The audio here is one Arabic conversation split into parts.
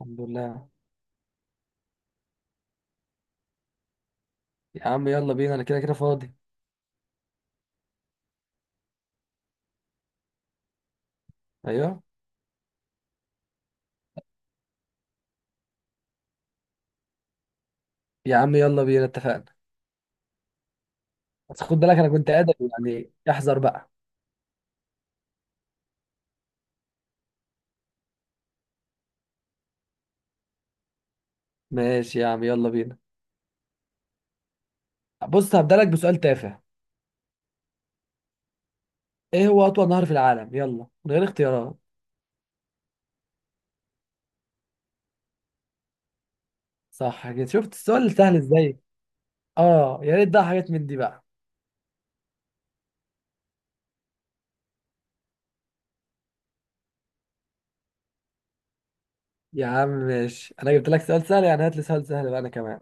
الحمد لله. يا عم يلا بينا، انا كده كده فاضي. ايوه، يا عم يلا بينا اتفقنا. بس خد بالك انا كنت ادبي، يعني احذر بقى. ماشي يا عم يلا بينا. بص، هبدأ لك بسؤال تافه. ايه هو اطول نهر في العالم؟ يلا من غير اختيارات. صح كده، شفت السؤال سهل ازاي. اه، يا ريت بقى حاجات من دي بقى. يا عم ماشي، انا جبت لك سؤال سهل يعني هات لي سؤال سهل بقى انا كمان.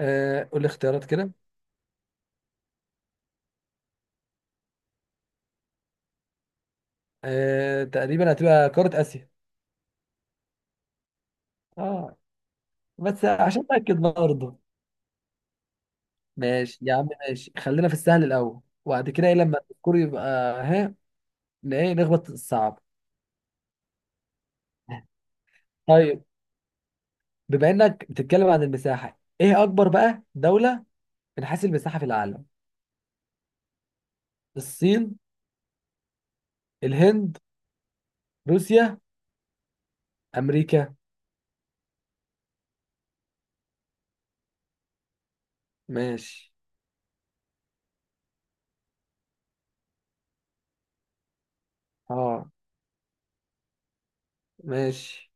آه، قول لي اختيارات كده. آه، تقريبا هتبقى قارة اسيا. اه، بس عشان اتاكد برضه. ماشي يا عم ماشي، خلينا في السهل الاول وبعد كده ايه لما الكور يبقى. ها. ايه نخبط الصعب. طيب، بما انك بتتكلم عن المساحه، ايه اكبر بقى دوله من حيث المساحه في العالم؟ الصين، الهند، روسيا، امريكا. ماشي. اه. ماشي.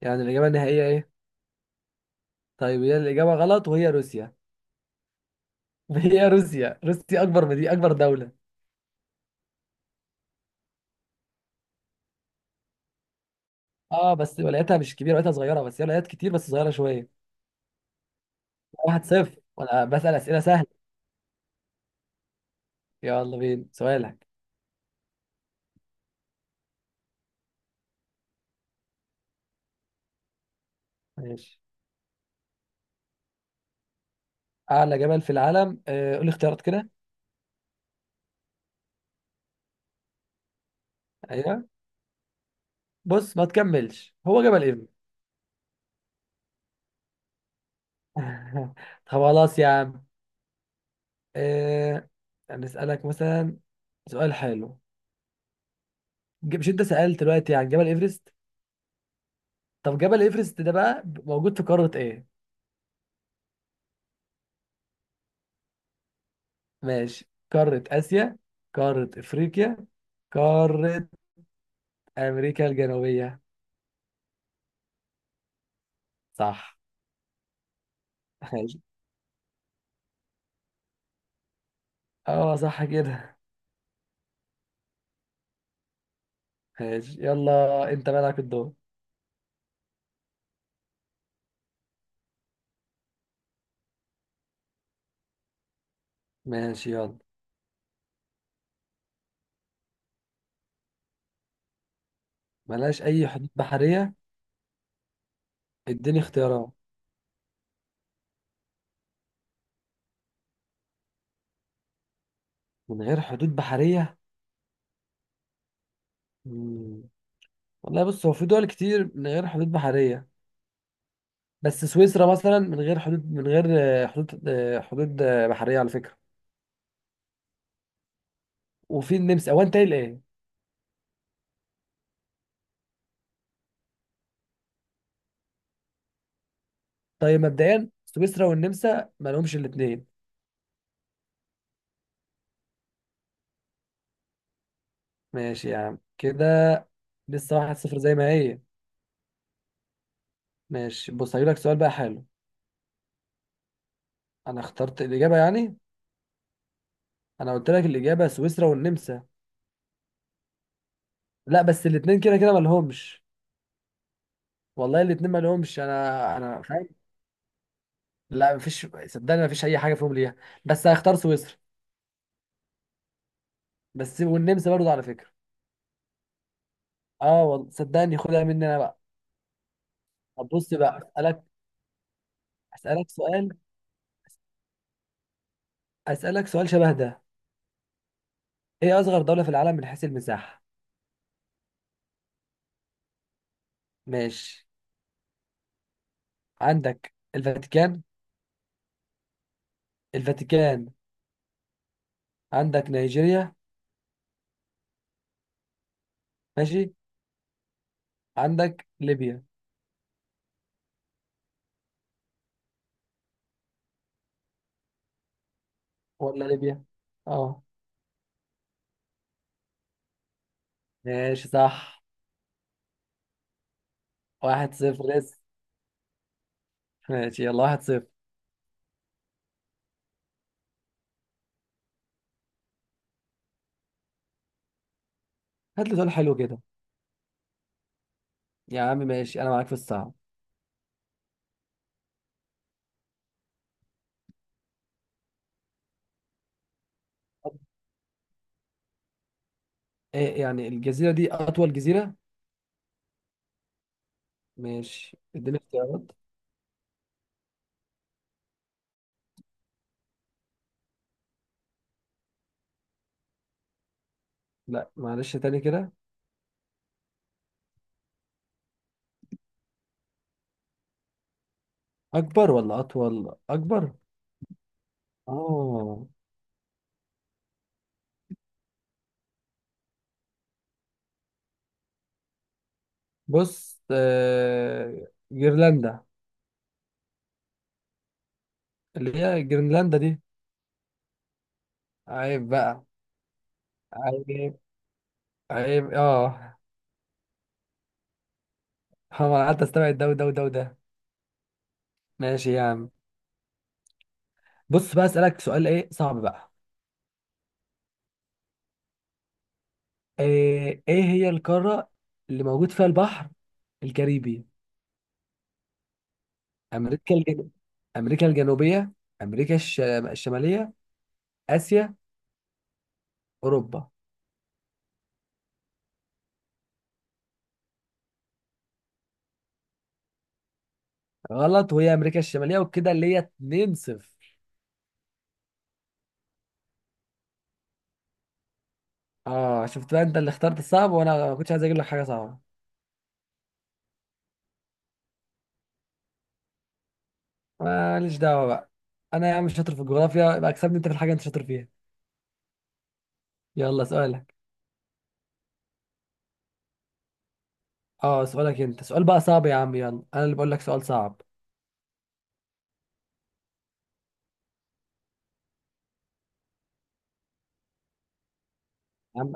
يعني الاجابه النهائيه ايه؟ طيب، هي الاجابه غلط وهي روسيا. هي روسيا، روسيا اكبر من دي، اكبر دوله. اه، بس ولايتها مش كبيره، ولايتها صغيره بس هي ولايات كتير بس صغيره شويه. واحد صفر وانا بسال اسئله سهله. يلا بينا سؤالك. ماشي. أعلى جبل في العالم. قول لي اختيارات كده. أيوه. بص، ما تكملش، هو جبل إيفن. طب خلاص يا عم. آه، هنسألك مثلا سؤال حلو. مش أنت سألت دلوقتي عن جبل إيفرست؟ طب جبل إيفرست ده بقى موجود في قارة إيه؟ ماشي، قارة آسيا، قارة إفريقيا، قارة أمريكا الجنوبية. صح. ماشي. أه، صح كده. ماشي، يلا أنت مالك الدور. ماشي يلا. ملهاش أي حدود بحرية؟ اديني اختيارات. من غير حدود بحرية؟ مم. والله، بص هو في دول كتير من غير حدود بحرية. بس سويسرا مثلا من غير حدود، من غير حدود حدود بحرية، على فكرة. وفي النمسا هو انت قايل ايه؟ طيب، مبدئيا سويسرا والنمسا ما لهمش الاتنين. ماشي يا عم كده. لسه واحد صفر زي ما هي. ماشي، بص هجيلك سؤال بقى حلو. انا اخترت الإجابة يعني. انا قلت لك الإجابة سويسرا والنمسا. لا، بس الاتنين كده كده ما لهمش. والله الاتنين ما لهمش، انا. لا، مفيش، صدقني مفيش اي حاجه فيهم ليها. بس هختار سويسرا. بس والنمسا برضه على فكره. اه والله، صدقني خدها مني انا بقى. طب بص بقى اسالك. اسالك سؤال. اسالك سؤال شبه ده. ايه اصغر دوله في العالم من حيث المساحه؟ ماشي. عندك الفاتيكان. الفاتيكان. عندك نيجيريا. ماشي. عندك ليبيا. ولا ليبيا. اه. ماشي صح. واحد صفر لسه. ماشي يلا واحد صفر. هات لي سؤال حلو كده. يا عم ماشي، انا معاك في الصعب. ايه يعني، الجزيرة دي أطول جزيرة؟ ماشي، اديني اختيارات. لا، معلش تاني كده. أكبر ولا أطول؟ أكبر. آه. بص جرينلاندا. اللي هي جرينلاندا دي. عيب بقى. عيب. عيب آه. هو أنا قعدت أستبعد ده وده وده وده. ماشي يا عم. بص بقى، أسألك سؤال إيه صعب بقى. إيه هي القارة اللي موجود فيها البحر الكاريبي؟ أمريكا الجنوبية أمريكا الجنوبية، أمريكا الشمالية، اسيا، اوروبا. غلط وهي امريكا الشماليه، وكده اللي هي 2-0. اه، شفت بقى انت اللي اخترت الصعب وانا ما كنتش عايز اجيب لك حاجه صعبه. ماليش دعوه بقى. انا يا عم شاطر في الجغرافيا، يبقى اكسبني انت في الحاجه انت شاطر فيها. يلا سؤالك. اه، سؤالك انت سؤال بقى صعب يا عم، يلا انا اللي بقول لك سؤال صعب. يا عم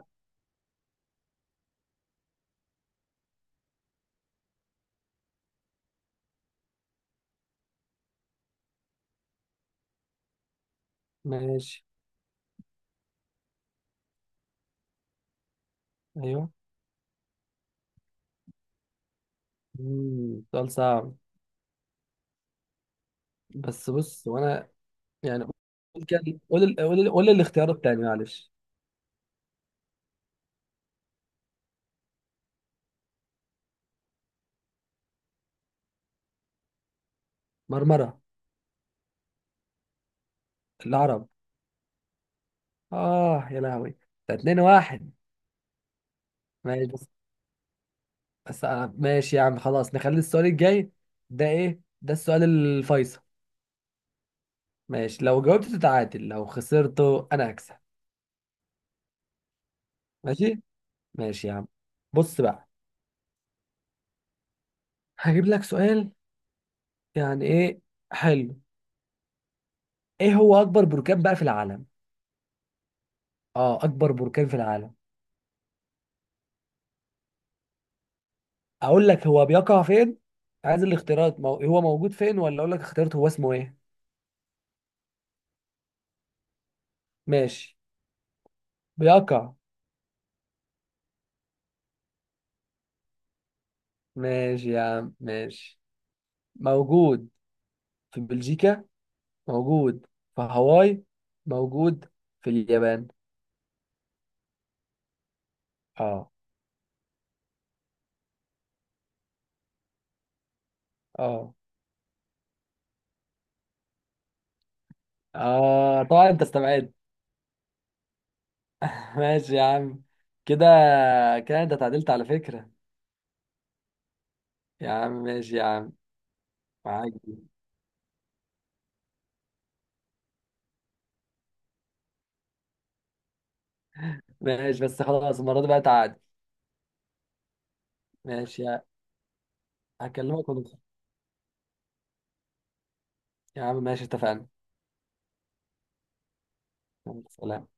ماشي. ايوه. مم. سؤال صعب. بس بص وانا يعني. قول كده- قول ال- قول ال- قول الاختيار التاني، معلش. مرمره. العرب. اه يا لهوي. ده 2-1. ماشي. بس أنا ماشي يا عم، خلاص نخلي السؤال الجاي. ده إيه؟ ده السؤال الفيصل. ماشي، لو جاوبت تتعادل، لو خسرته أنا هكسب. ماشي. ماشي يا عم. بص بقى، هجيب لك سؤال يعني إيه حلو. إيه هو أكبر بركان بقى في العالم؟ آه، أكبر بركان في العالم. أقول لك هو بيقع فين؟ عايز الاختيارات، هو موجود فين ولا أقول لك اختيارات هو اسمه إيه؟ ماشي. بيقع. ماشي يا عم ماشي. موجود في بلجيكا، موجود في هاواي، موجود في اليابان. اه. اه. اه، طبعا انت استبعدت. ماشي يا عم. كده. كده انت تعادلت على فكرة. يا عم ماشي يا عم. معاك دي. ماشي بس خلاص، المرة دي بقى تعادل. ماشي. هكلمك ونخرج. يا عم ماشي، اتفقنا. يلا، سلام.